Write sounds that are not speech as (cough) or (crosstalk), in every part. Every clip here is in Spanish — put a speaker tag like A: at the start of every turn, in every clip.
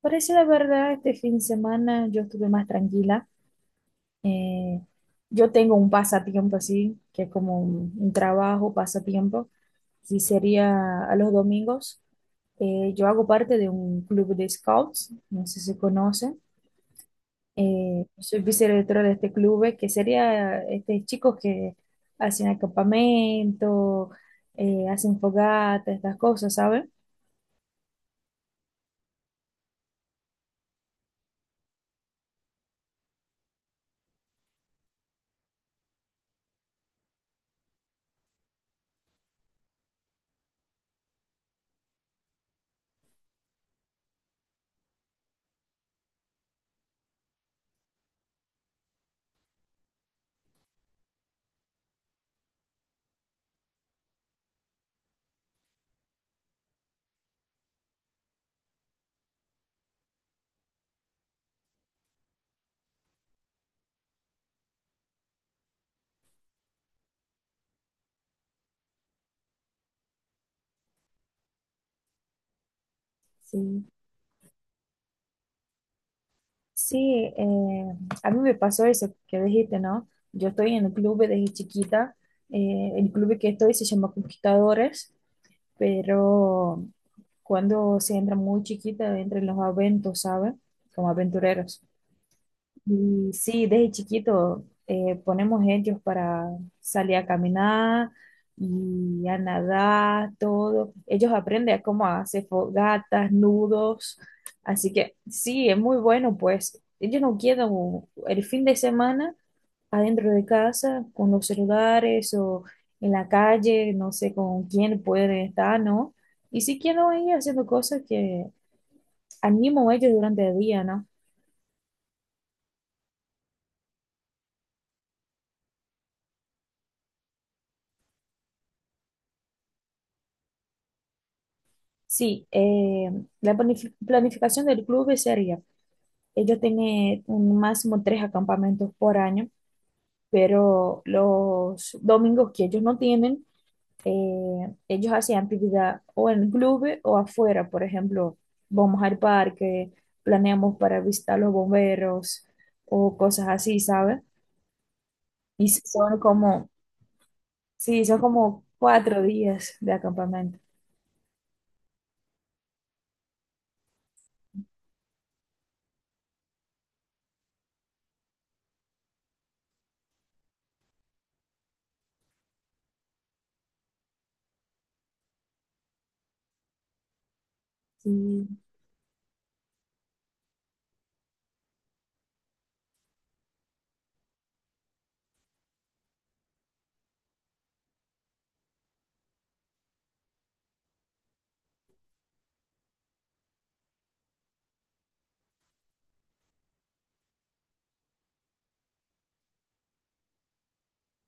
A: Por decir la verdad, este fin de semana yo estuve más tranquila. Eh, yo tengo un pasatiempo así, que es como un trabajo, pasatiempo, y sería a los domingos. Yo hago parte de un club de scouts, no sé si conocen. Soy vicedirectora de este club, que sería este, chicos que hacen acampamento, hacen fogata, estas cosas, ¿saben? Sí. Sí, a mí me pasó eso que dijiste, ¿no? Yo estoy en el club desde chiquita. El club que estoy se llama Conquistadores, pero cuando se entra muy chiquita, entra en los aventos, ¿sabes? Como aventureros. Y sí, desde chiquito ponemos ellos para salir a caminar y a nadar, todo. Ellos aprenden a cómo hacer fogatas, nudos. Así que sí, es muy bueno, pues ellos no quedan el fin de semana adentro de casa con los celulares o en la calle, no sé con quién pueden estar, ¿no? Y sí quedan ahí haciendo cosas que animan a ellos durante el día, ¿no? Sí, planificación del club sería, ellos tienen un máximo 3 acampamentos por año, pero los domingos que ellos no tienen, ellos hacen actividad o en el club o afuera, por ejemplo, vamos al parque, planeamos para visitar los bomberos o cosas así, ¿sabes? Y si son como, sí, son como 4 días de acampamento. Sí,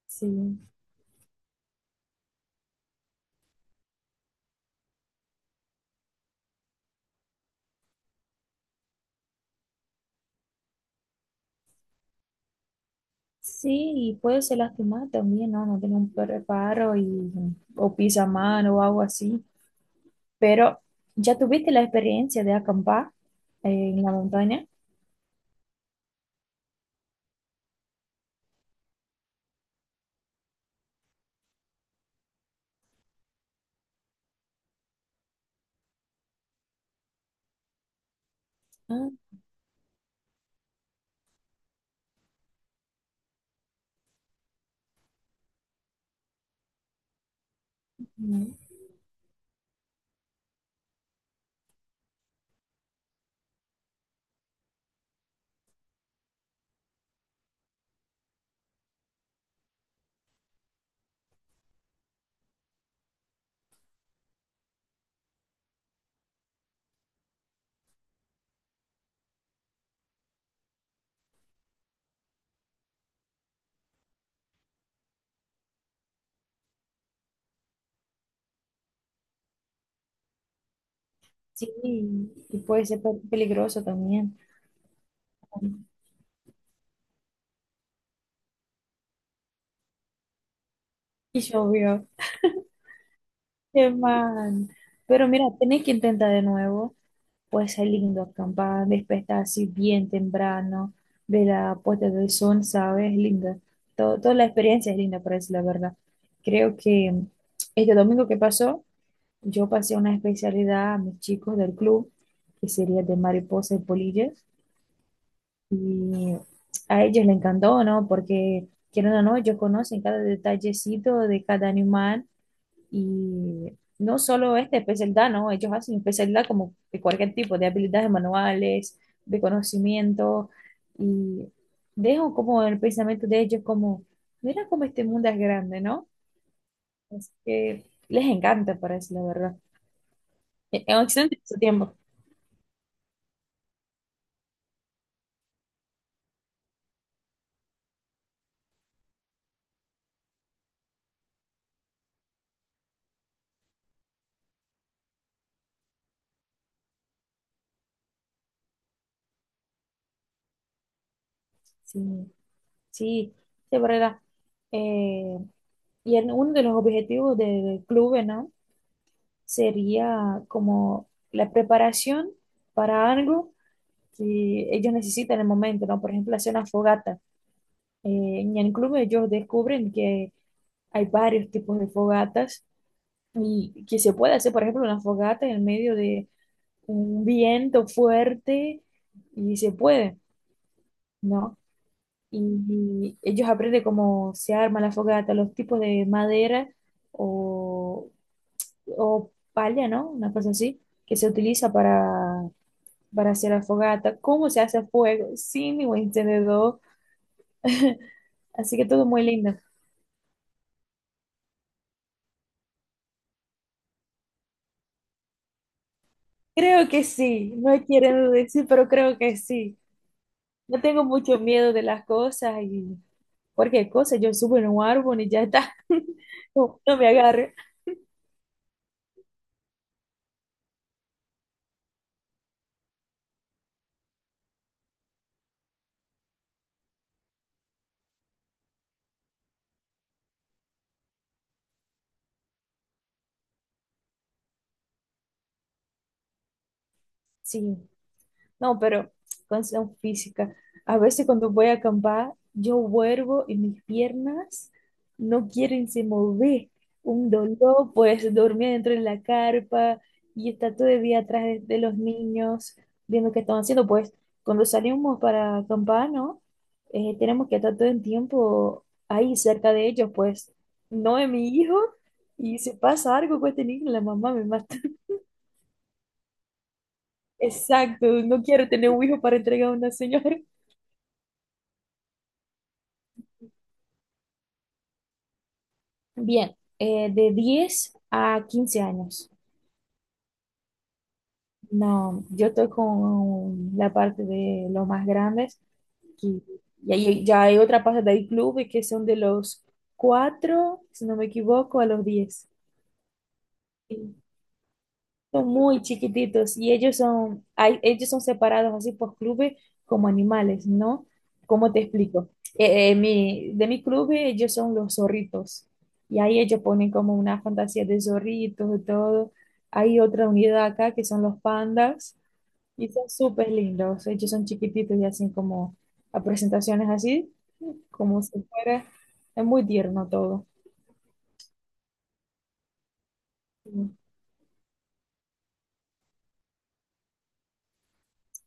A: sí. Sí, y puede ser lastimar también, ¿no? No tiene un preparo y, o pisa mano o algo así. Pero, ¿ya tuviste la experiencia de acampar en la montaña? Ah, no. Sí, y puede ser peligroso también. Y llovió. Qué mal. Pero mira, tenés que intentar de nuevo. Puede ser lindo acampar, despertarse bien temprano, ver la puesta del sol, ¿sabes? Es linda. Todo- toda la experiencia es linda, para decir la verdad. Creo que este domingo que pasó, yo pasé una especialidad a mis chicos del club, que sería de mariposas y polillas, y a ellos les encantó, ¿no? Porque, quieren o no, ellos conocen cada detallecito de cada animal y no solo este PESELDA, no, ellos hacen PESELDA como de cualquier tipo, de habilidades manuales, de conocimiento, y dejo como el pensamiento de ellos como, mira cómo este mundo es grande, ¿no? Es que les encanta, parece, la verdad. En Occidente en su tiempo. Sí, sí, de verdad. Eh, y en uno de los objetivos del club, ¿no? Sería como la preparación para algo que ellos necesitan en el momento, ¿no? Por ejemplo, hacer una fogata. En el club ellos descubren que hay varios tipos de fogatas y que se puede hacer, por ejemplo, una fogata en medio de un viento fuerte y se puede, ¿no? Y, y ellos aprenden cómo se arma la fogata, los tipos de madera o, o palla, ¿no? Una cosa así, que se utiliza para hacer la fogata, cómo se hace fuego sin ningún encendedor. Así que todo muy lindo. Creo que sí, no quiero decir, pero creo que sí. No tengo mucho miedo de las cosas y cualquier cosa, yo subo en un árbol y ya está, (laughs) no, no me agarre. Sí, no, pero condición física. A veces cuando voy a acampar, yo vuelvo y mis piernas no quieren se mover. Un dolor, pues dormir dentro de la carpa y estar todo el día atrás de los niños, viendo qué están haciendo. Pues cuando salimos para acampar, ¿no? Tenemos que estar todo el tiempo ahí cerca de ellos, pues no es mi hijo. Y si pasa algo con este niño, la mamá me mata. (laughs) Exacto, no quiero tener un hijo para entregar a una señora. Bien, de 10 a 15 años. No, yo estoy con la parte de los más grandes que- y ahí ya hay otra parte del club y que son de los 4, si no me equivoco, a los 10. Son muy chiquititos y ellos son, hay, ellos son separados así por clubes como animales, ¿no? ¿Cómo te explico? Mi, de mi club ellos son los zorritos y ahí ellos ponen como una fantasía de zorritos y todo. Hay otra unidad acá que son los pandas y son súper lindos. Ellos son chiquititos y hacen como a presentaciones así, como si fuera, es muy tierno todo.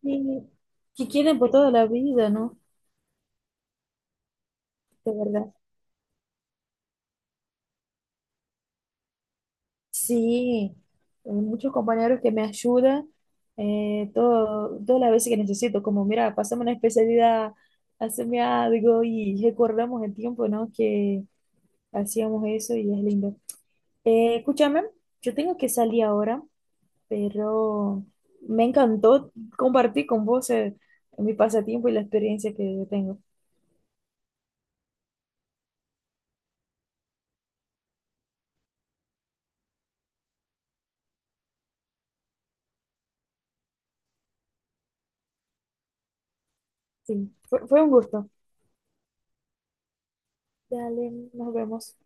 A: Sí, que quieren por toda la vida, ¿no? De verdad. Sí, muchos compañeros que me ayudan todo, todas las veces que necesito, como mira, pásame una especialidad, hazme algo y recordamos el tiempo, ¿no? Que hacíamos eso y es lindo. Escúchame, yo tengo que salir ahora, pero me encantó compartir con vos mi pasatiempo y la experiencia que tengo. Sí, fue un gusto. Dale, nos vemos.